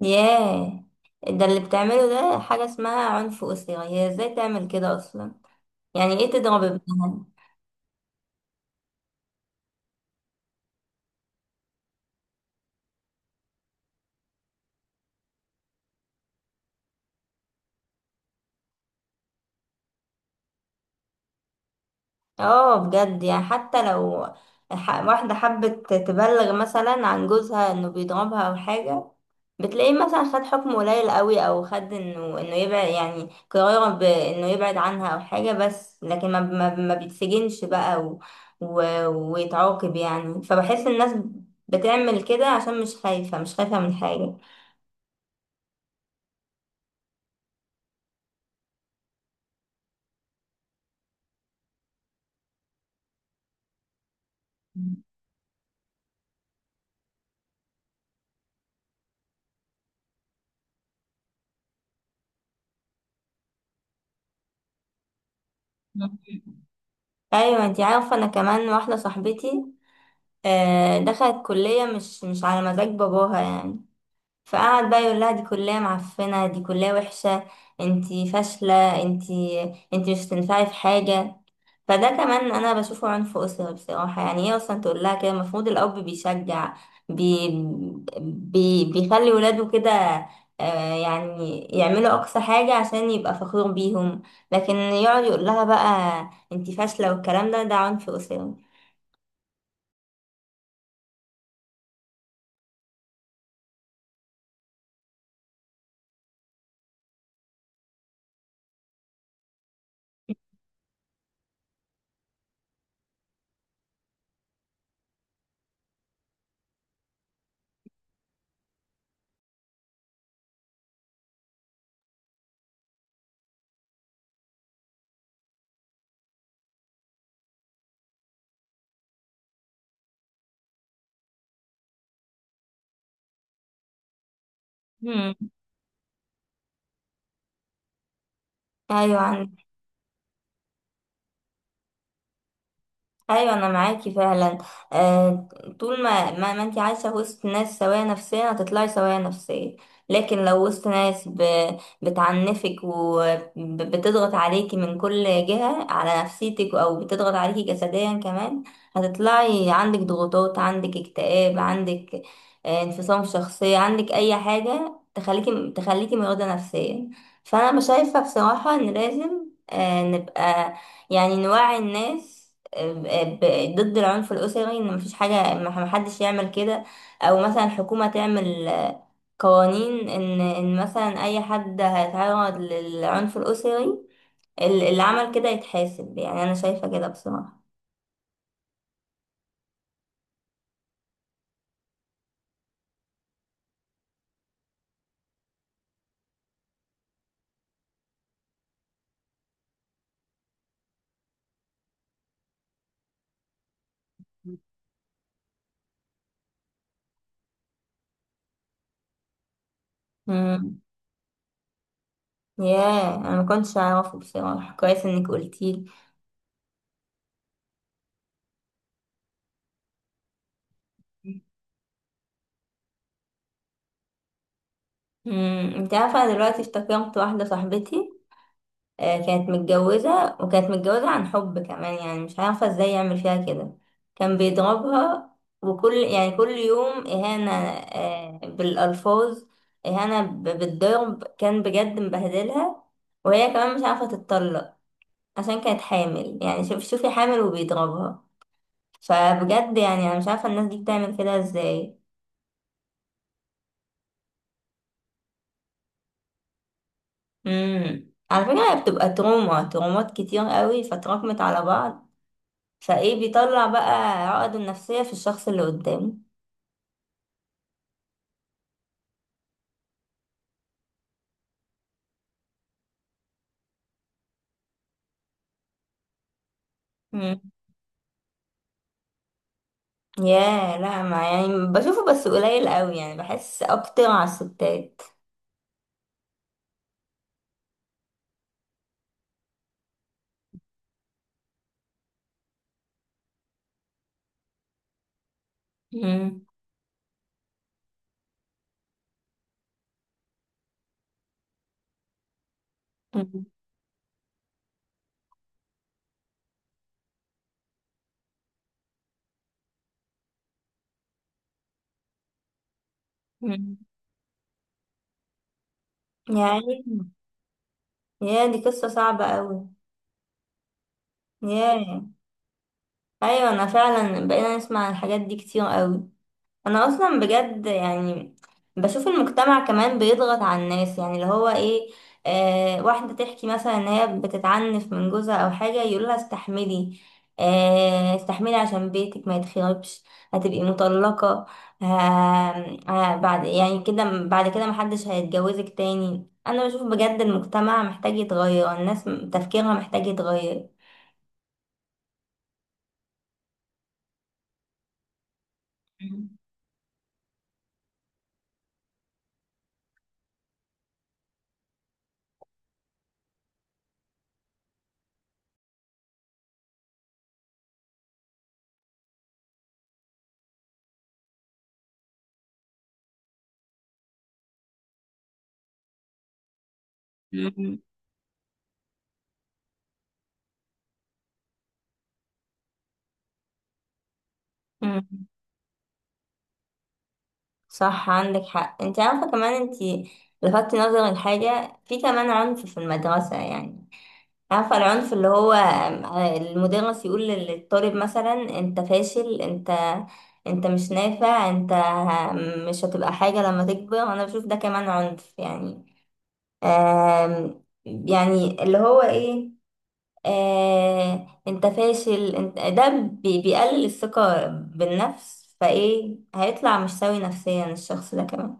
ياه، ده اللي بتعمله ده حاجة اسمها عنف أسري. هي ازاي تعمل كده أصلا؟ يعني ايه تضرب ابنها؟ اه، بجد يعني حتى لو واحدة حبت تبلغ مثلا عن جوزها انه بيضربها أو حاجة، بتلاقيه مثلا خد حكم قليل قوي أو خد انه يبعد، يعني قرار بانه يبعد عنها أو حاجة، بس لكن ما بيتسجنش بقى و... و... ويتعاقب يعني. فبحس الناس بتعمل كده عشان مش خايفة من حاجة. ايوه انتي عارفه، انا كمان واحده صاحبتي دخلت كليه مش على مزاج باباها يعني، فقعد بقى يقول لها دي كليه معفنه، دي كليه وحشه، انتي فاشله، انتي مش هتنفعي في حاجه. فده كمان انا بشوفه عنف اسري بصراحه، يعني هي اصلا تقول لها كده؟ المفروض الاب بيشجع، بي بي بيخلي ولاده كده، يعني يعملوا اقصى حاجه عشان يبقى فخور بيهم، لكن يقعد يقول لها بقى انتي فاشله والكلام ده، ده عنف اسري. مم. ايوه عندك. ايوه انا معاكي فعلا. آه، طول ما انت عايشه وسط ناس سويه نفسيا هتطلعي سويه نفسيا، لكن لو وسط ناس بتعنفك وبتضغط عليكي من كل جهه على نفسيتك او بتضغط عليكي جسديا كمان، هتطلعي عندك ضغوطات، عندك اكتئاب، عندك آه انفصام في الشخصيه، عندك اي حاجه تخليكي مريضه نفسيا. فانا مش شايفه بصراحه ان لازم آه نبقى يعني نوعي الناس ضد العنف الأسري، إن مفيش حاجة، محدش يعمل كده، أو مثلا الحكومة تعمل آه، قوانين، إن مثلا أي حد هيتعرض للعنف الأسري اللي عمل كده يتحاسب. يعني أنا شايفة كده بصراحة. مم. ياه، أنا ما كنتش أعرفه بصراحة، كويس إنك قلتيلي. مم. أنت عارفة أنا دلوقتي افتكرت واحدة صاحبتي، كانت متجوزة، وكانت متجوزة عن حب كمان، يعني مش عارفة ازاي يعمل فيها كده، كان بيضربها، وكل يعني كل يوم إهانة آه، بالألفاظ، إهانة بالضرب، كان بجد مبهدلها، وهي كمان مش عارفة تتطلق عشان كانت حامل. يعني شوفي حامل وبيضربها. فبجد يعني أنا مش عارفة الناس دي بتعمل كده ازاي. مم. على فكرة هي بتبقى ترومات كتير قوي فتراكمت على بعض، فايه بيطلع بقى عقده النفسية في الشخص اللي قدامه. مم. يا، لا، ما يعني بشوفه بس قليل قوي، يعني بحس اكتر على الستات. مم. مم. مم. يعني، يا دي قصة صعبة قوي. يا، ايوه انا فعلا بقينا نسمع الحاجات دي كتير قوي، انا اصلا بجد يعني بشوف المجتمع كمان بيضغط على الناس، يعني اللي هو ايه، آه واحدة تحكي مثلا ان هي بتتعنف من جوزها او حاجة يقولها استحملي، آه استحملي عشان بيتك ما يتخربش، هتبقي مطلقة، آه، آه بعد يعني كده بعد كده محدش هيتجوزك تاني. انا بشوف بجد المجتمع محتاج يتغير، الناس تفكيرها محتاج يتغير. مم. مم. صح عندك حق، انت عارفة كمان انت لفتت نظر الحاجة، في كمان عنف في المدرسة يعني، عارفة العنف اللي هو المدرس يقول للطالب مثلا انت فاشل، انت انت مش نافع، انت مش هتبقى حاجة لما تكبر. انا بشوف ده كمان عنف يعني. يعني اللي هو ايه، آه، انت فاشل انت، ده بيقلل الثقة بالنفس، فايه هيطلع مش سوي نفسيا الشخص ده كمان.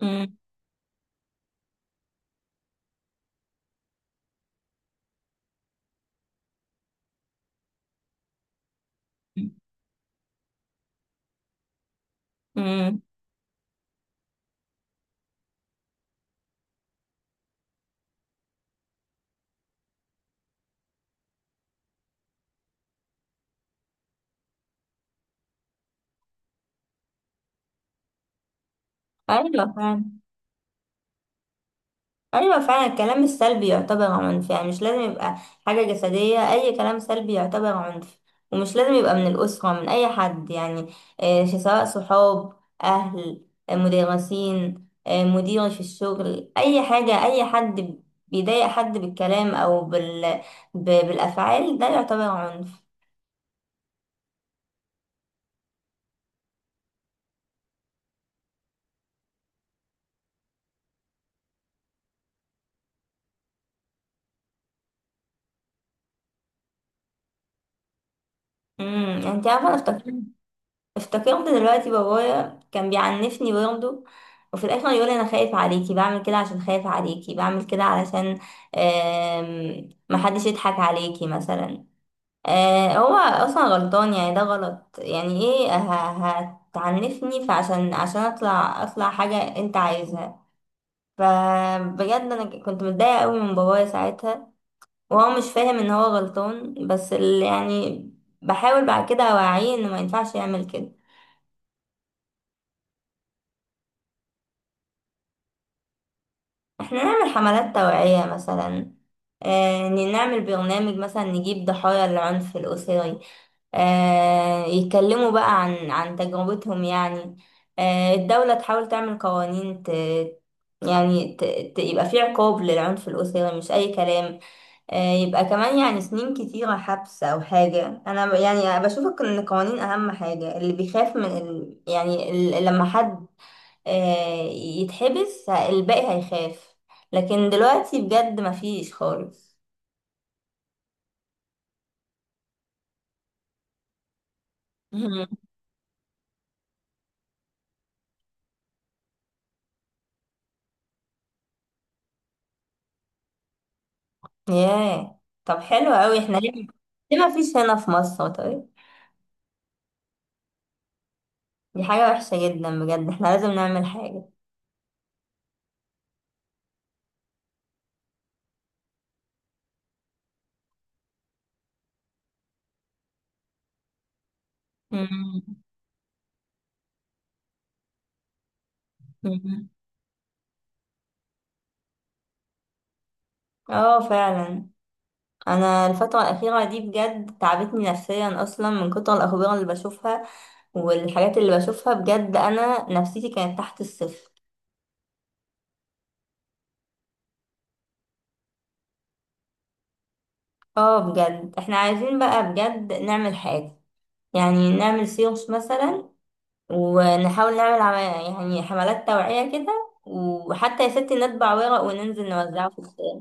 امم امم ايوه فعلا. ايوه فعلا الكلام السلبي يعتبر عنف، يعني مش لازم يبقى حاجه جسديه، اي كلام سلبي يعتبر عنف، ومش لازم يبقى من الاسره، من اي حد يعني، آه، سواء صحاب، اهل، آه، مدرسين، آه، مدير في الشغل، اي حاجه، اي حد بيضايق حد بالكلام او بالافعال، ده يعتبر عنف. انت عارفه انا افتكرت دلوقتي بابايا كان بيعنفني برضه، وفي الاخر يقول انا خايف عليكي بعمل كده، عشان خايف عليكي بعمل كده علشان آم، محدش يضحك عليكي مثلا. آه، هو اصلا غلطان، يعني ده غلط، يعني ايه هتعنفني عشان اطلع حاجة انت عايزها؟ فبجد انا كنت متضايقة قوي من بابايا ساعتها، وهو مش فاهم ان هو غلطان، بس يعني بحاول بعد كده اوعيه انه ما ينفعش يعمل كده. احنا نعمل حملات توعية مثلا، آه نعمل برنامج مثلا نجيب ضحايا العنف الأسري، آه يتكلموا بقى عن تجربتهم يعني، آه الدولة تحاول تعمل قوانين، ت يعني ت ت يبقى في عقاب للعنف الأسري، مش أي كلام، آه يبقى كمان يعني سنين كتيرة حبس أو حاجة. أنا يعني بشوف إن القوانين أهم حاجة، اللي بيخاف من ال لما حد آه، يتحبس الباقي هيخاف، لكن دلوقتي بجد مفيش خالص. مهم. ياه، طب حلو قوي، احنا ليه، ليه مفيش هنا في مصر طيب؟ دي حاجة وحشة جدا بجد، احنا لازم نعمل حاجة. مم. مم. اه فعلا، انا الفترة الأخيرة دي بجد تعبتني نفسيا اصلا، من كتر الأخبار اللي بشوفها والحاجات اللي بشوفها، بجد انا نفسيتي كانت تحت الصفر. اه بجد احنا عايزين بقى بجد نعمل حاجة، يعني نعمل سيوس مثلا، ونحاول نعمل يعني حملات توعية كده، وحتى يا ستي نطبع ورق وننزل نوزعه في الشارع.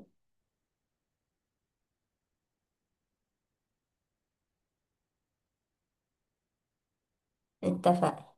اتفق.